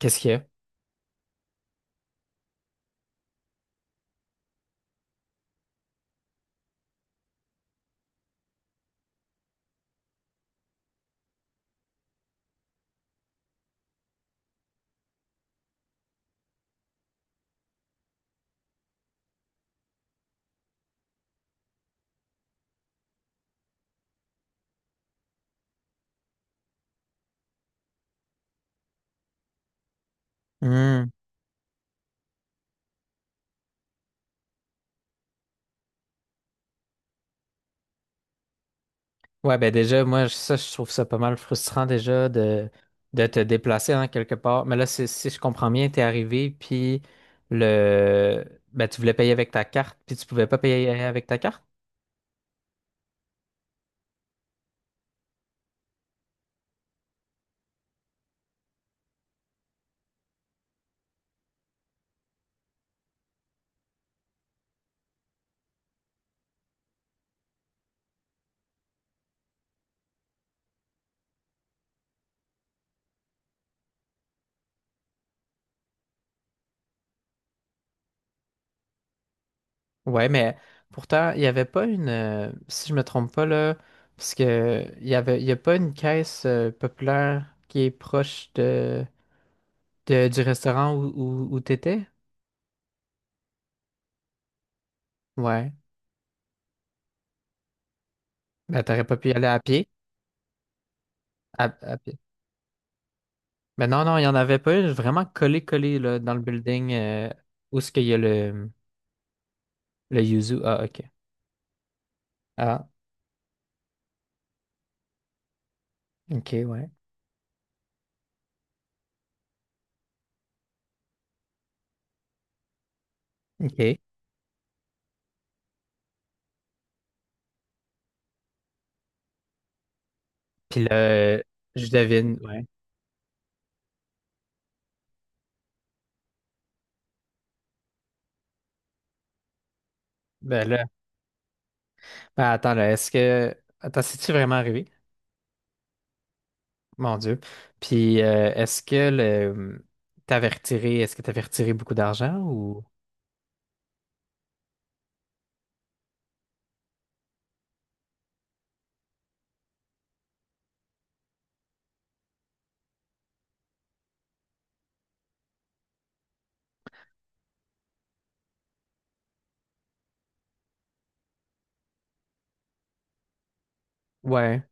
Qu'est-ce qu'il y a? Hmm. Ouais, ben déjà, moi, ça, je trouve ça pas mal frustrant déjà de te déplacer en quelque part. Mais là, si je comprends bien, t'es arrivé, puis le ben, tu voulais payer avec ta carte, puis tu pouvais pas payer avec ta carte? Ouais, mais pourtant, il n'y avait pas une si je me trompe pas là, parce que il y a pas une caisse populaire qui est proche du restaurant où t'étais? Ouais. Ben, t'aurais pas pu y aller à pied. À pied. Mais non, non, il n'y en avait pas. Vraiment collé, collé là, dans le building où est-ce qu'il y a le Yuzu. Ah, ok. Ah, ok, ouais. Ok. Puis là, je devine. Ouais. Ben là, ben attends, là, est-ce que. Attends, c'est-tu vraiment arrivé? Mon Dieu. Puis est-ce que est-ce que t'avais retiré beaucoup d'argent ou. Ouais.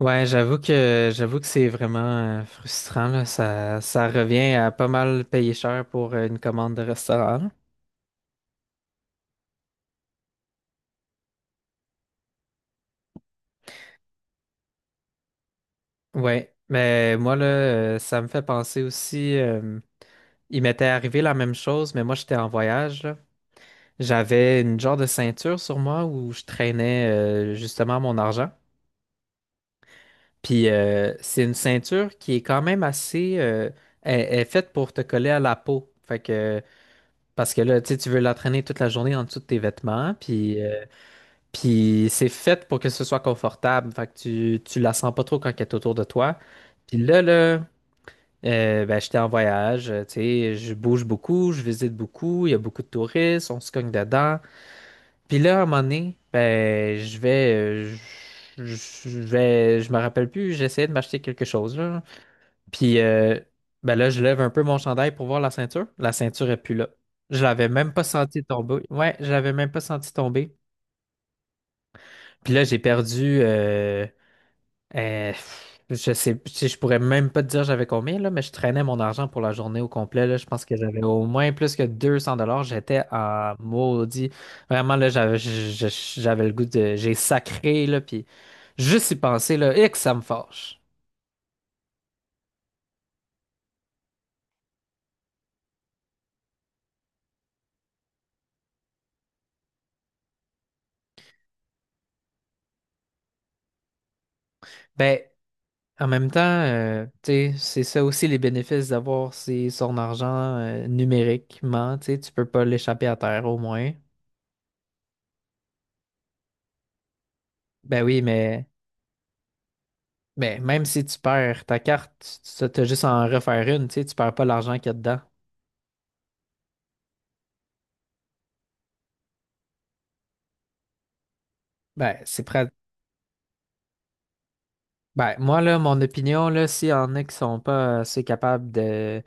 Ouais, j'avoue que c'est vraiment frustrant, là. Ça revient à pas mal payer cher pour une commande de restaurant. Ouais, mais moi là, ça me fait penser aussi. Il m'était arrivé la même chose, mais moi j'étais en voyage, là. J'avais une genre de ceinture sur moi où je traînais justement mon argent. Puis c'est une ceinture qui est quand même assez, elle est faite pour te coller à la peau. Fait que parce que là, tu sais, tu veux la traîner toute la journée en dessous de tes vêtements. Puis c'est fait pour que ce soit confortable. Fait que tu la sens pas trop quand elle est autour de toi. Puis là là. Ben, j'étais en voyage, tu sais, je bouge beaucoup, je visite beaucoup, il y a beaucoup de touristes, on se cogne dedans. Puis là, à un moment donné, ben, je vais, je vais, je me rappelle plus, j'essayais de m'acheter quelque chose, là. Puis ben là, je lève un peu mon chandail pour voir la ceinture. La ceinture est plus là. Je l'avais même pas senti tomber. Ouais, je l'avais même pas senti tomber. Puis là, j'ai perdu, Euh, je sais, je pourrais même pas te dire j'avais combien, là, mais je traînais mon argent pour la journée au complet, là. Je pense que j'avais au moins plus que 200 dollars. J'étais en maudit. Vraiment, là, j'avais le goût de, j'ai sacré, là, puis juste y penser, là, et que ça me fâche. Ben, en même temps, tu sais, c'est ça aussi les bénéfices d'avoir son argent, numériquement, tu sais, tu peux pas l'échapper à terre, au moins. Ben oui, mais même si tu perds ta carte, tu as juste à en refaire une, tu sais, tu perds pas l'argent qu'il y a dedans. Ben, c'est prêt. Ben, moi, là, mon opinion, là, s'il y en a qui sont pas assez capables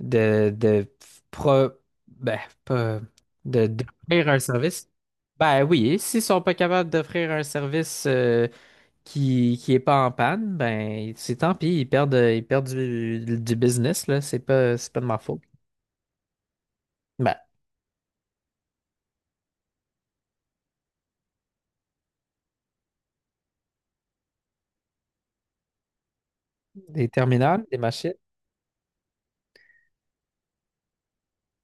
de, pro, ben, pas, de, d'offrir un service, ben oui, s'ils sont pas capables d'offrir un service qui est pas en panne, ben, c'est tant pis, ils perdent du business, là, c'est pas de ma faute. Ben, des terminales, des machines,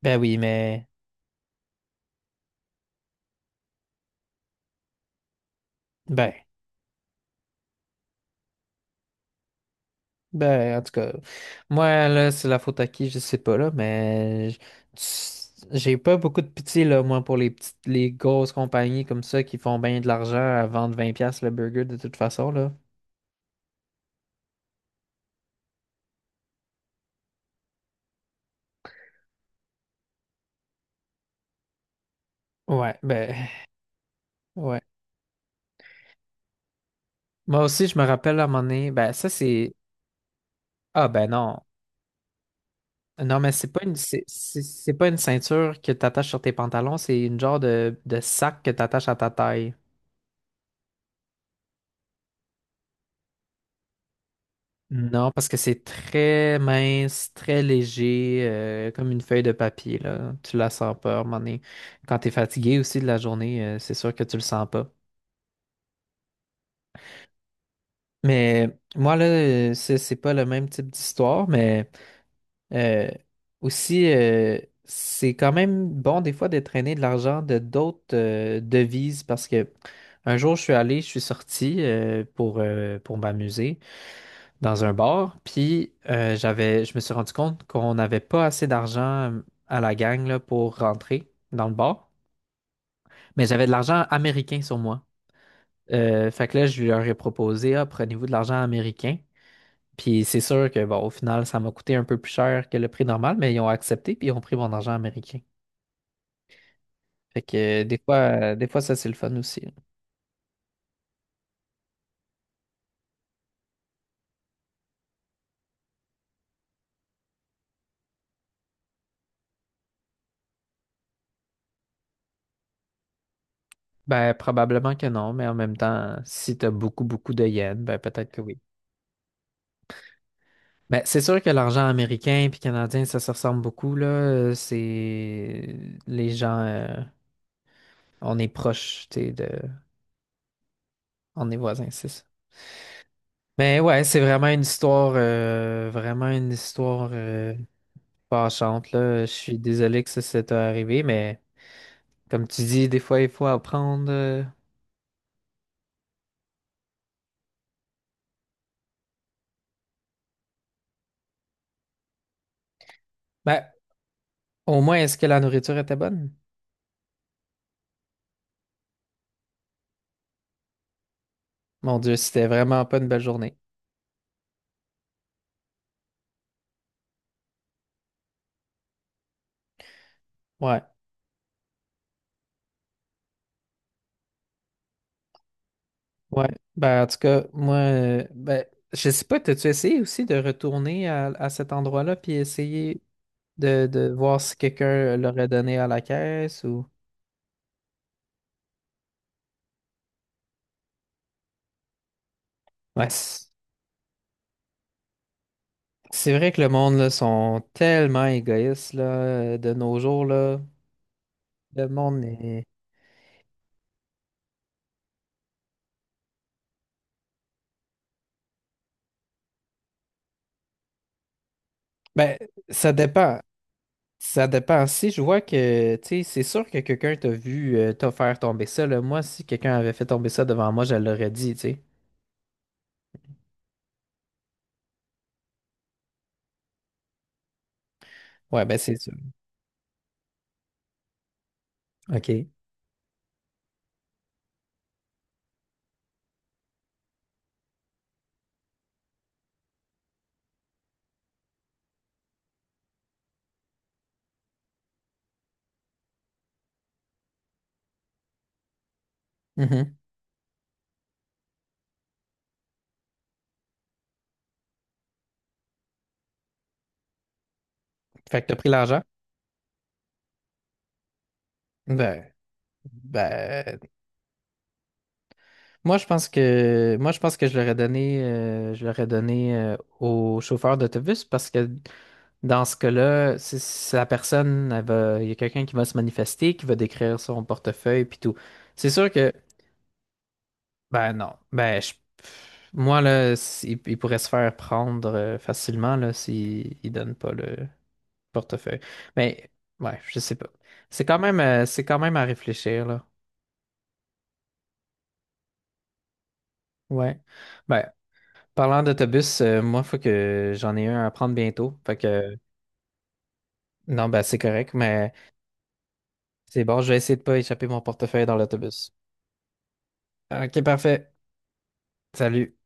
ben oui, mais, ben. Ben, en tout cas, moi, là, c'est la faute à qui, je sais pas, là, mais j'ai pas beaucoup de pitié, là, moi, pour les petites, les grosses compagnies comme ça qui font bien de l'argent à vendre 20 $ le burger de toute façon, là. Ouais, ben, ouais. Moi aussi, je me rappelle à un moment donné, ben, ça, c'est. Ah, ben non. Non, mais c'est pas une ceinture que t'attaches sur tes pantalons, c'est une genre de sac que t'attaches à ta taille. Non, parce que c'est très mince, très léger, comme une feuille de papier, là. Tu la sens pas, à un moment donné. Quand t'es fatigué aussi de la journée, c'est sûr que tu le sens pas. Mais moi, là, c'est pas le même type d'histoire, mais euh, aussi, c'est quand même bon des fois de traîner de l'argent de d'autres devises parce que un jour, je suis allé, je suis sorti pour m'amuser dans un bar. Puis je me suis rendu compte qu'on n'avait pas assez d'argent à la gang là, pour rentrer dans le bar. Mais j'avais de l'argent américain sur moi. Fait que là, je leur ai proposé, ah, prenez-vous de l'argent américain. Puis c'est sûr que bon, au final, ça m'a coûté un peu plus cher que le prix normal, mais ils ont accepté puis ils ont pris mon argent américain. Fait que des fois, ça c'est le fun aussi, là. Ben, probablement que non, mais en même temps, si tu as beaucoup, beaucoup de yens, ben peut-être que oui. Ben, c'est sûr que l'argent américain puis canadien, ça se ressemble beaucoup, là. C'est les gens, on est proches, tu sais. De... On est voisins, c'est ça. Mais ouais, c'est vraiment une histoire fâchante, là. Je suis désolé que ça t'est arrivé, mais comme tu dis, des fois, il faut apprendre. Ben, au moins, est-ce que la nourriture était bonne? Mon Dieu, c'était vraiment pas une belle journée. Ouais. Ouais. Ben, en tout cas, moi, ben, je sais pas, t'as-tu essayé aussi de retourner à cet endroit-là puis essayer de voir si quelqu'un l'aurait donné à la caisse ou. Ouais, c'est vrai que le monde, là, sont tellement égoïstes, là, de nos jours, là. Le monde est. Ben, ça dépend. Ça dépend. Si je vois que, tu sais, c'est sûr que quelqu'un t'a vu t'a faire tomber ça, là. Moi, si quelqu'un avait fait tomber ça devant moi, je l'aurais dit, tu sais. Ouais, ben, c'est sûr. OK. Mhm. Fait que t'as pris l'argent? Ben, ben, moi je pense que je l'aurais donné au chauffeur d'autobus parce que dans ce cas-là, si la personne elle va, il y a quelqu'un qui va se manifester, qui va décrire son portefeuille puis tout. C'est sûr que ben non, ben je- moi là, si- il, pourrait se faire prendre facilement là s'il il donne pas le portefeuille. Mais ouais, je sais pas. C'est quand même à réfléchir là. Ouais. Ben, parlant d'autobus, moi, faut que j'en ai un à prendre bientôt. Fait que, non, bah, c'est correct, mais c'est bon, je vais essayer de pas échapper mon portefeuille dans l'autobus. Ok, parfait. Salut.